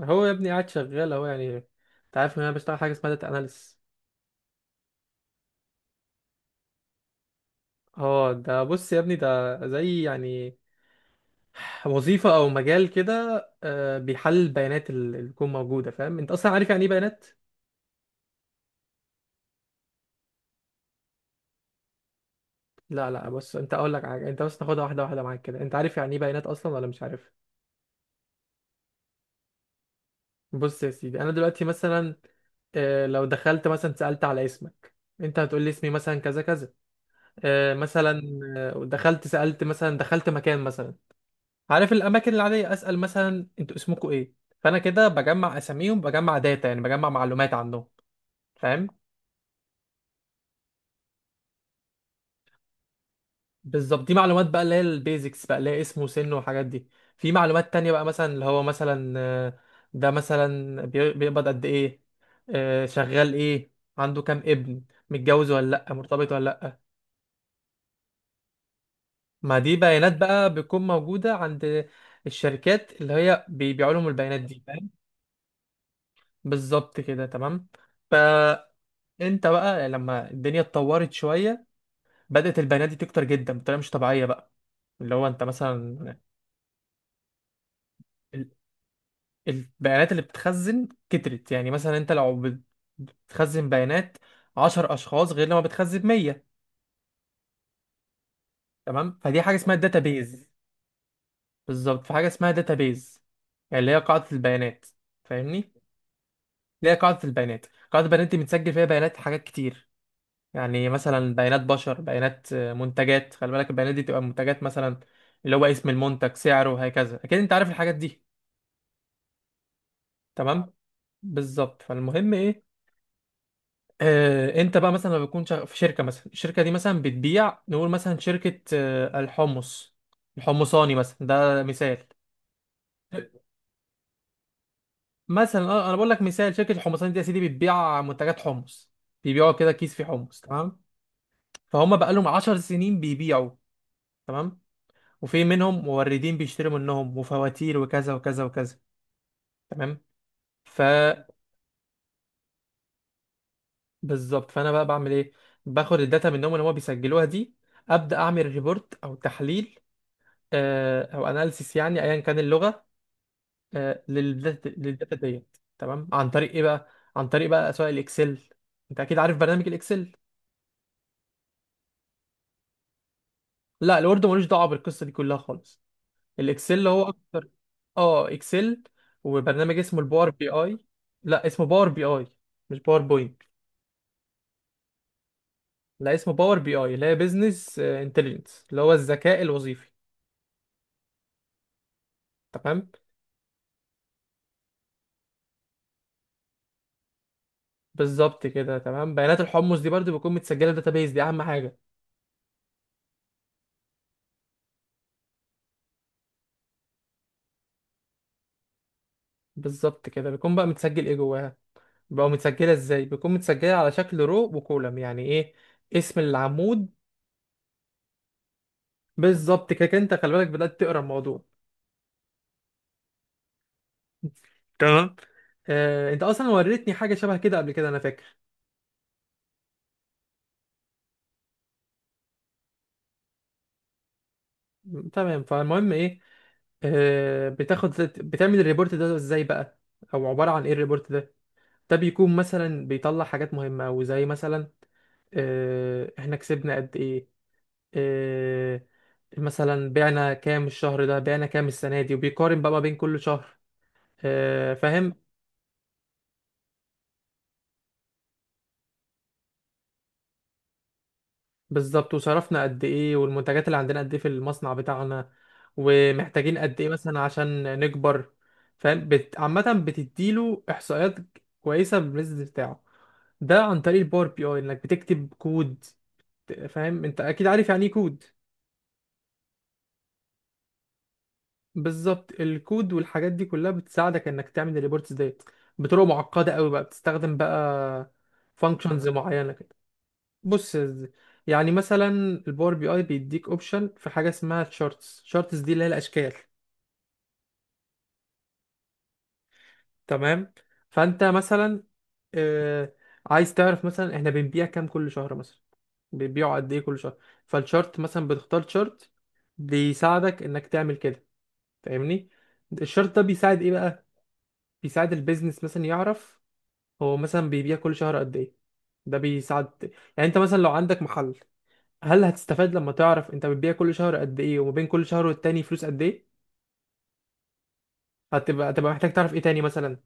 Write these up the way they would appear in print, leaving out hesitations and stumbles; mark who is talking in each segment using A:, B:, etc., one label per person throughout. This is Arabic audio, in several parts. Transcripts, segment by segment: A: هو يا ابني قاعد شغال اهو، يعني انت عارف ان انا بشتغل حاجه اسمها داتا اناليس. اه، ده بص يا ابني، ده زي يعني وظيفه او مجال كده. بيحلل البيانات اللي تكون موجوده. فاهم؟ انت اصلا عارف يعني ايه بيانات؟ لا لا، بص، انت اقول لك حاجه، انت بس تاخدها واحده واحده معاك كده. انت عارف يعني ايه بيانات اصلا ولا مش عارف؟ بص يا سيدي، انا دلوقتي مثلا، لو دخلت مثلا سالت على اسمك، انت هتقول لي اسمي مثلا كذا كذا. آه، مثلا. دخلت سالت مثلا، دخلت مكان مثلا. عارف الاماكن العاديه، اسال مثلا انتوا اسمكم ايه. فانا كده بجمع اساميهم، بجمع داتا، يعني بجمع معلومات عنهم. فاهم؟ بالظبط، دي معلومات بقى اللي هي البيزكس، بقى اللي هي اسمه وسنه والحاجات دي. في معلومات تانية بقى مثلا اللي هو مثلا، ده مثلا بيقبض قد ايه، شغال ايه، عنده كام ابن، متجوز ولا لا، مرتبط ولا لا. ما دي بيانات بقى بتكون موجوده عند الشركات اللي هي بيبيعوا لهم البيانات دي. فاهم؟ بالظبط كده، تمام. انت بقى لما الدنيا اتطورت شويه، بدات البيانات دي تكتر جدا بطريقه مش طبيعيه بقى. اللي هو انت مثلا، ال- البيانات اللي بتخزن كترت. يعني مثلا انت لو بتخزن بيانات 10 اشخاص غير لما بتخزن 100. تمام، فدي حاجه اسمها داتابيز. بالظبط، في حاجه اسمها داتابيز، يعني اللي هي قاعده البيانات. فاهمني؟ اللي هي قاعده البيانات. قاعده البيانات دي بتسجل فيها بيانات حاجات كتير، يعني مثلا بيانات بشر، بيانات منتجات. خلي بالك البيانات دي تبقى منتجات مثلا، اللي هو اسم المنتج سعره وهكذا. اكيد انت عارف الحاجات دي. تمام، بالظبط. فالمهم ايه، انت بقى مثلا لما بتكون في شركه مثلا، الشركه دي مثلا بتبيع، نقول مثلا شركه الحمصاني مثلا، ده مثال. مثلا، انا بقول لك مثال. شركه الحمصاني دي يا سيدي بتبيع منتجات حمص، بيبيعوا كده كيس في حمص، تمام؟ فهم بقى لهم 10 سنين بيبيعوا. تمام. وفي منهم موردين بيشتروا منهم، وفواتير وكذا وكذا وكذا. تمام. فبالظبط، فانا بقى بعمل ايه؟ باخد الداتا منهم اللي هم بيسجلوها دي، ابدا اعمل ريبورت او تحليل، او اناليسيس، يعني ايا كان اللغه، للداتا ديت. تمام. عن طريق ايه بقى؟ عن طريق بقى سواء الاكسل، انت اكيد عارف برنامج الاكسل. لا، الوورد ملوش دعوه بالقصه دي كلها خالص، الاكسل هو اكتر. اه، اكسل. وبرنامج اسمه الباور بي اي. لا، اسمه باور بي اي، مش باور بوينت. لا، اسمه باور بي اي اللي هي بيزنس انتليجنس، اللي هو الذكاء الوظيفي. تمام. بالظبط كده، تمام. بيانات الحمص دي برضو بتكون متسجله في داتابيز دي، اهم حاجه. بالظبط كده، بيكون بقى متسجل ايه جواها؟ بقى متسجله ازاي؟ بيكون متسجله على شكل رو وكولم. يعني ايه؟ اسم العمود. بالظبط كده، كده انت خلي بالك، بدات تقرا الموضوع. تمام. انت اصلا وريتني حاجه شبه كده قبل كده، انا فاكر. تمام، فالمهم ايه، آه، بتاخد بتعمل الريبورت ده ازاي بقى؟ او عباره عن ايه الريبورت ده؟ ده بيكون مثلا بيطلع حاجات مهمة أوي، زي مثلا احنا كسبنا قد ايه. آه، مثلا بعنا كام الشهر ده، بعنا كام السنة دي، وبيقارن بقى ما بين كل شهر. فاهم؟ بالظبط، وصرفنا قد ايه، والمنتجات اللي عندنا قد ايه في المصنع بتاعنا، ومحتاجين قد ايه مثلا عشان نكبر. فاهم؟ عامة بتديله احصائيات كويسة بالبيزنس بتاعه. ده عن طريق الباور بي اي، انك بتكتب كود. فاهم؟ انت اكيد عارف يعني ايه كود. بالظبط، الكود والحاجات دي كلها بتساعدك انك تعمل الريبورتس ديت بطرق معقده قوي بقى، بتستخدم بقى فانكشنز معينه كده. بص يعني مثلا، الباور بي اي بيديك اوبشن في حاجه اسمها تشارتس. تشارتس دي اللي هي الاشكال. تمام. فانت مثلا آه عايز تعرف مثلا احنا بنبيع كام كل شهر، مثلا بنبيعوا قد ايه كل شهر. فالشارت، مثلا بتختار شارت بيساعدك انك تعمل كده. فاهمني؟ الشارت ده بيساعد ايه بقى؟ بيساعد البيزنس مثلا يعرف، هو مثلا بيبيع كل شهر قد ايه. ده بيساعد، يعني انت مثلا لو عندك محل، هل هتستفاد لما تعرف انت بتبيع كل شهر قد ايه، وما بين كل شهر والتاني فلوس قد ايه؟ هتبقى محتاج تعرف ايه تاني مثلا؟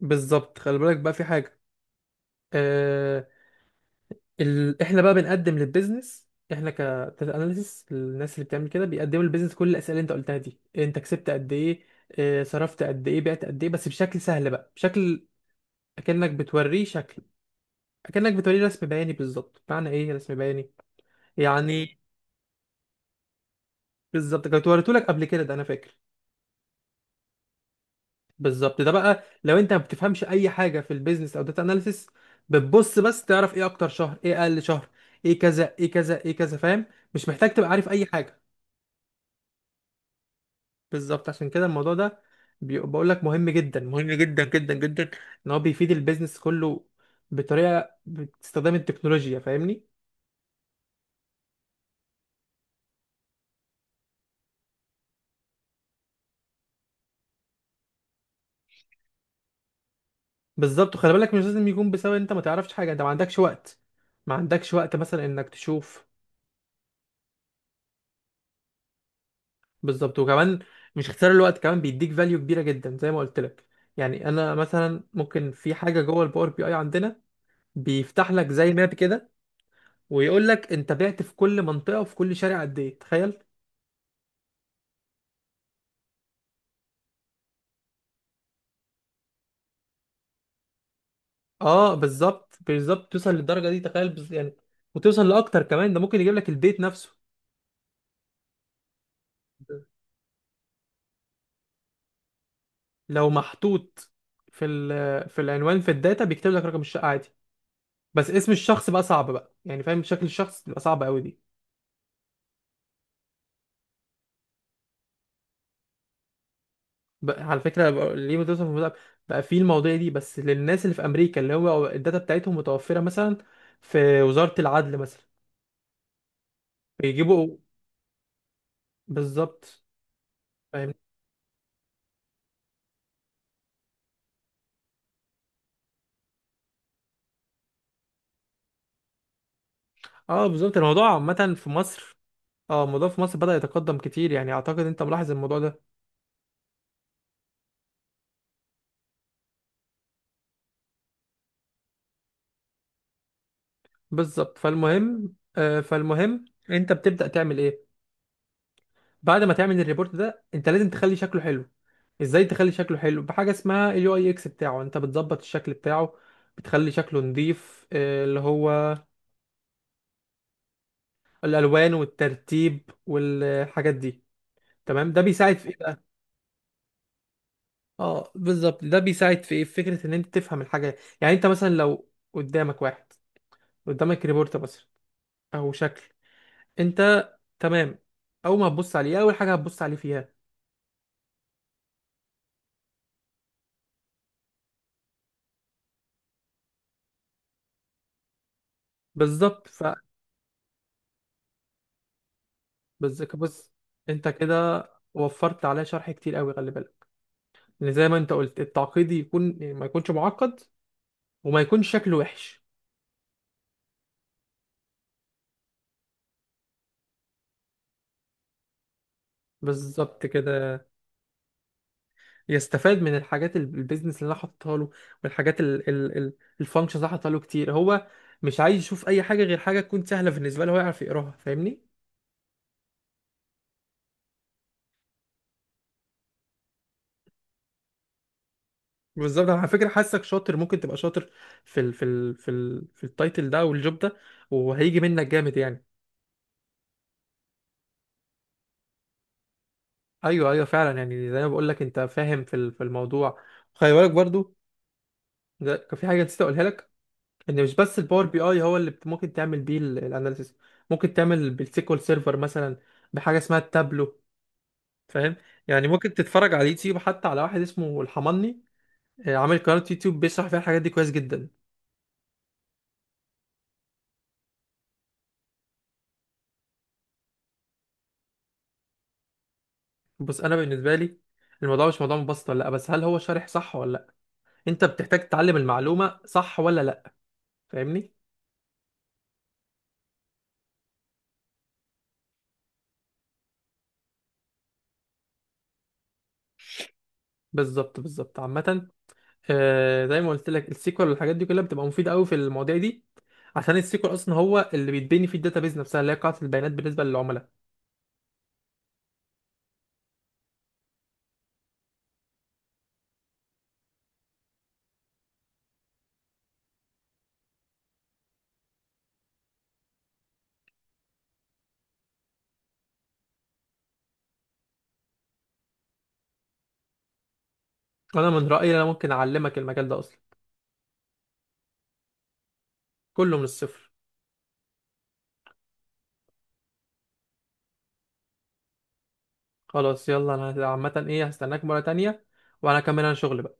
A: بالظبط، خلي بالك بقى في حاجة. اه... احنا بقى بنقدم للبيزنس، احنا ك data analysis، الناس اللي بتعمل كده بيقدموا للبيزنس كل الاسئله اللي انت قلتها دي: انت كسبت قد ايه، اه... صرفت قد ايه، بعت قد ايه، بس بشكل سهل بقى، بشكل اكنك بتوريه شكل، اكنك بتوريه رسم بياني. بالظبط، معنى ايه رسم بياني؟ يعني، بالظبط كنت وريته لك قبل كده، ده انا فاكر. بالظبط، ده بقى لو انت ما بتفهمش اي حاجه في البيزنس او داتا اناليسيس، بتبص بس تعرف ايه اكتر شهر، ايه اقل شهر، ايه كذا ايه كذا ايه كذا. فاهم؟ مش محتاج تبقى عارف اي حاجه. بالظبط، عشان كده الموضوع ده بقول لك مهم جدا، مهم جدا جدا جدا. ان هو بيفيد البيزنس كله بطريقه باستخدام التكنولوجيا. فاهمني؟ بالظبط، وخلي بالك مش لازم يكون بسبب انت ما تعرفش حاجه، انت ما عندكش وقت. ما عندكش وقت مثلا انك تشوف. بالظبط، وكمان مش اختصار الوقت، كمان بيديك فاليو كبيره جدا زي ما قلت لك. يعني انا مثلا ممكن في حاجه جوه الباور بي اي عندنا، بيفتح لك زي ماب كده، ويقول لك انت بعت في كل منطقه وفي كل شارع قد ايه. تخيل! اه بالظبط توصل للدرجه دي، تخيل يعني، وتوصل لاكتر كمان. ده ممكن يجيب لك البيت نفسه، لو محطوط في العنوان، في الداتا بيكتب لك رقم الشقه عادي. بس اسم الشخص بقى صعب بقى، يعني فاهم، شكل الشخص بيبقى صعب قوي دي. بقى على فكرة ليه بتوصل في الموضوع بقى؟ في المواضيع دي بس للناس اللي في أمريكا، اللي هو الداتا بتاعتهم متوفرة مثلا في وزارة العدل مثلا، بيجيبوا. بالظبط. فاهم. اه بالظبط، الموضوع عامة في مصر، اه، الموضوع في مصر بدأ يتقدم كتير، يعني أعتقد أنت ملاحظ الموضوع ده. بالظبط، فالمهم أنت بتبدأ تعمل إيه بعد ما تعمل الريبورت ده؟ أنت لازم تخلي شكله حلو. ازاي تخلي شكله حلو؟ بحاجه اسمها اليو اي اكس بتاعه، انت بتظبط الشكل بتاعه، بتخلي شكله نظيف، اللي هو الالوان والترتيب والحاجات دي. تمام. ده بيساعد في ايه بقى؟ اه بالظبط، ده بيساعد في ايه في فكره ان انت تفهم الحاجه. يعني انت مثلا لو قدامك واحد، قدامك ريبورت مثلا، او شكل، انت تمام، اول ما هتبص عليه، اول حاجه هتبص عليه فيها. بالظبط بص، انت كده وفرت عليا شرح كتير قوي. خلي بالك، لان زي ما انت قلت، التعقيد يكون، يعني ما يكونش معقد وما يكونش شكله وحش. بالظبط كده. يستفاد من الحاجات البيزنس اللي انا حاططها له، والحاجات الفانكشنز اللي أنا حاططها له كتير. هو مش عايز يشوف اي حاجه غير حاجه تكون سهله بالنسبه له، هو يعرف يقراها. فاهمني؟ بالظبط. أنا على فكره حاسك شاطر، ممكن تبقى شاطر في التايتل ده والجوب ده، وهيجي منك جامد يعني. ايوه ايوه فعلا، يعني زي ما بقول لك، انت فاهم في في الموضوع. خلي بالك برضو، ده كان في حاجه نسيت اقولها لك، ان مش بس الباور بي اي هو اللي ممكن تعمل بيه الاناليسيس. ممكن تعمل بالسيكوال سيرفر مثلا، بحاجه اسمها التابلو. فاهم؟ يعني ممكن تتفرج على اليوتيوب حتى على واحد اسمه الحمني، عامل قناة يوتيوب بيشرح فيها الحاجات دي كويس جدا. بس انا بالنسبة لي، الموضوع مش موضوع مبسط ولا لا، بس هل هو شارح صح ولا لا؟ انت بتحتاج تتعلم المعلومة صح ولا لا. فاهمني؟ بالظبط بالظبط، عامة زي ما قلت لك السيكوال والحاجات دي كلها بتبقى مفيدة قوي في المواضيع دي، عشان السيكوال اصلا هو اللي بيتبني فيه الداتابيز نفسها، اللي هي قاعدة البيانات بالنسبة للعملاء. انا من رأيي انا ممكن اعلمك المجال ده اصلا. كله من الصفر. خلاص يلا، انا عامة ايه هستناك مرة تانية. وانا كمان انا شغل.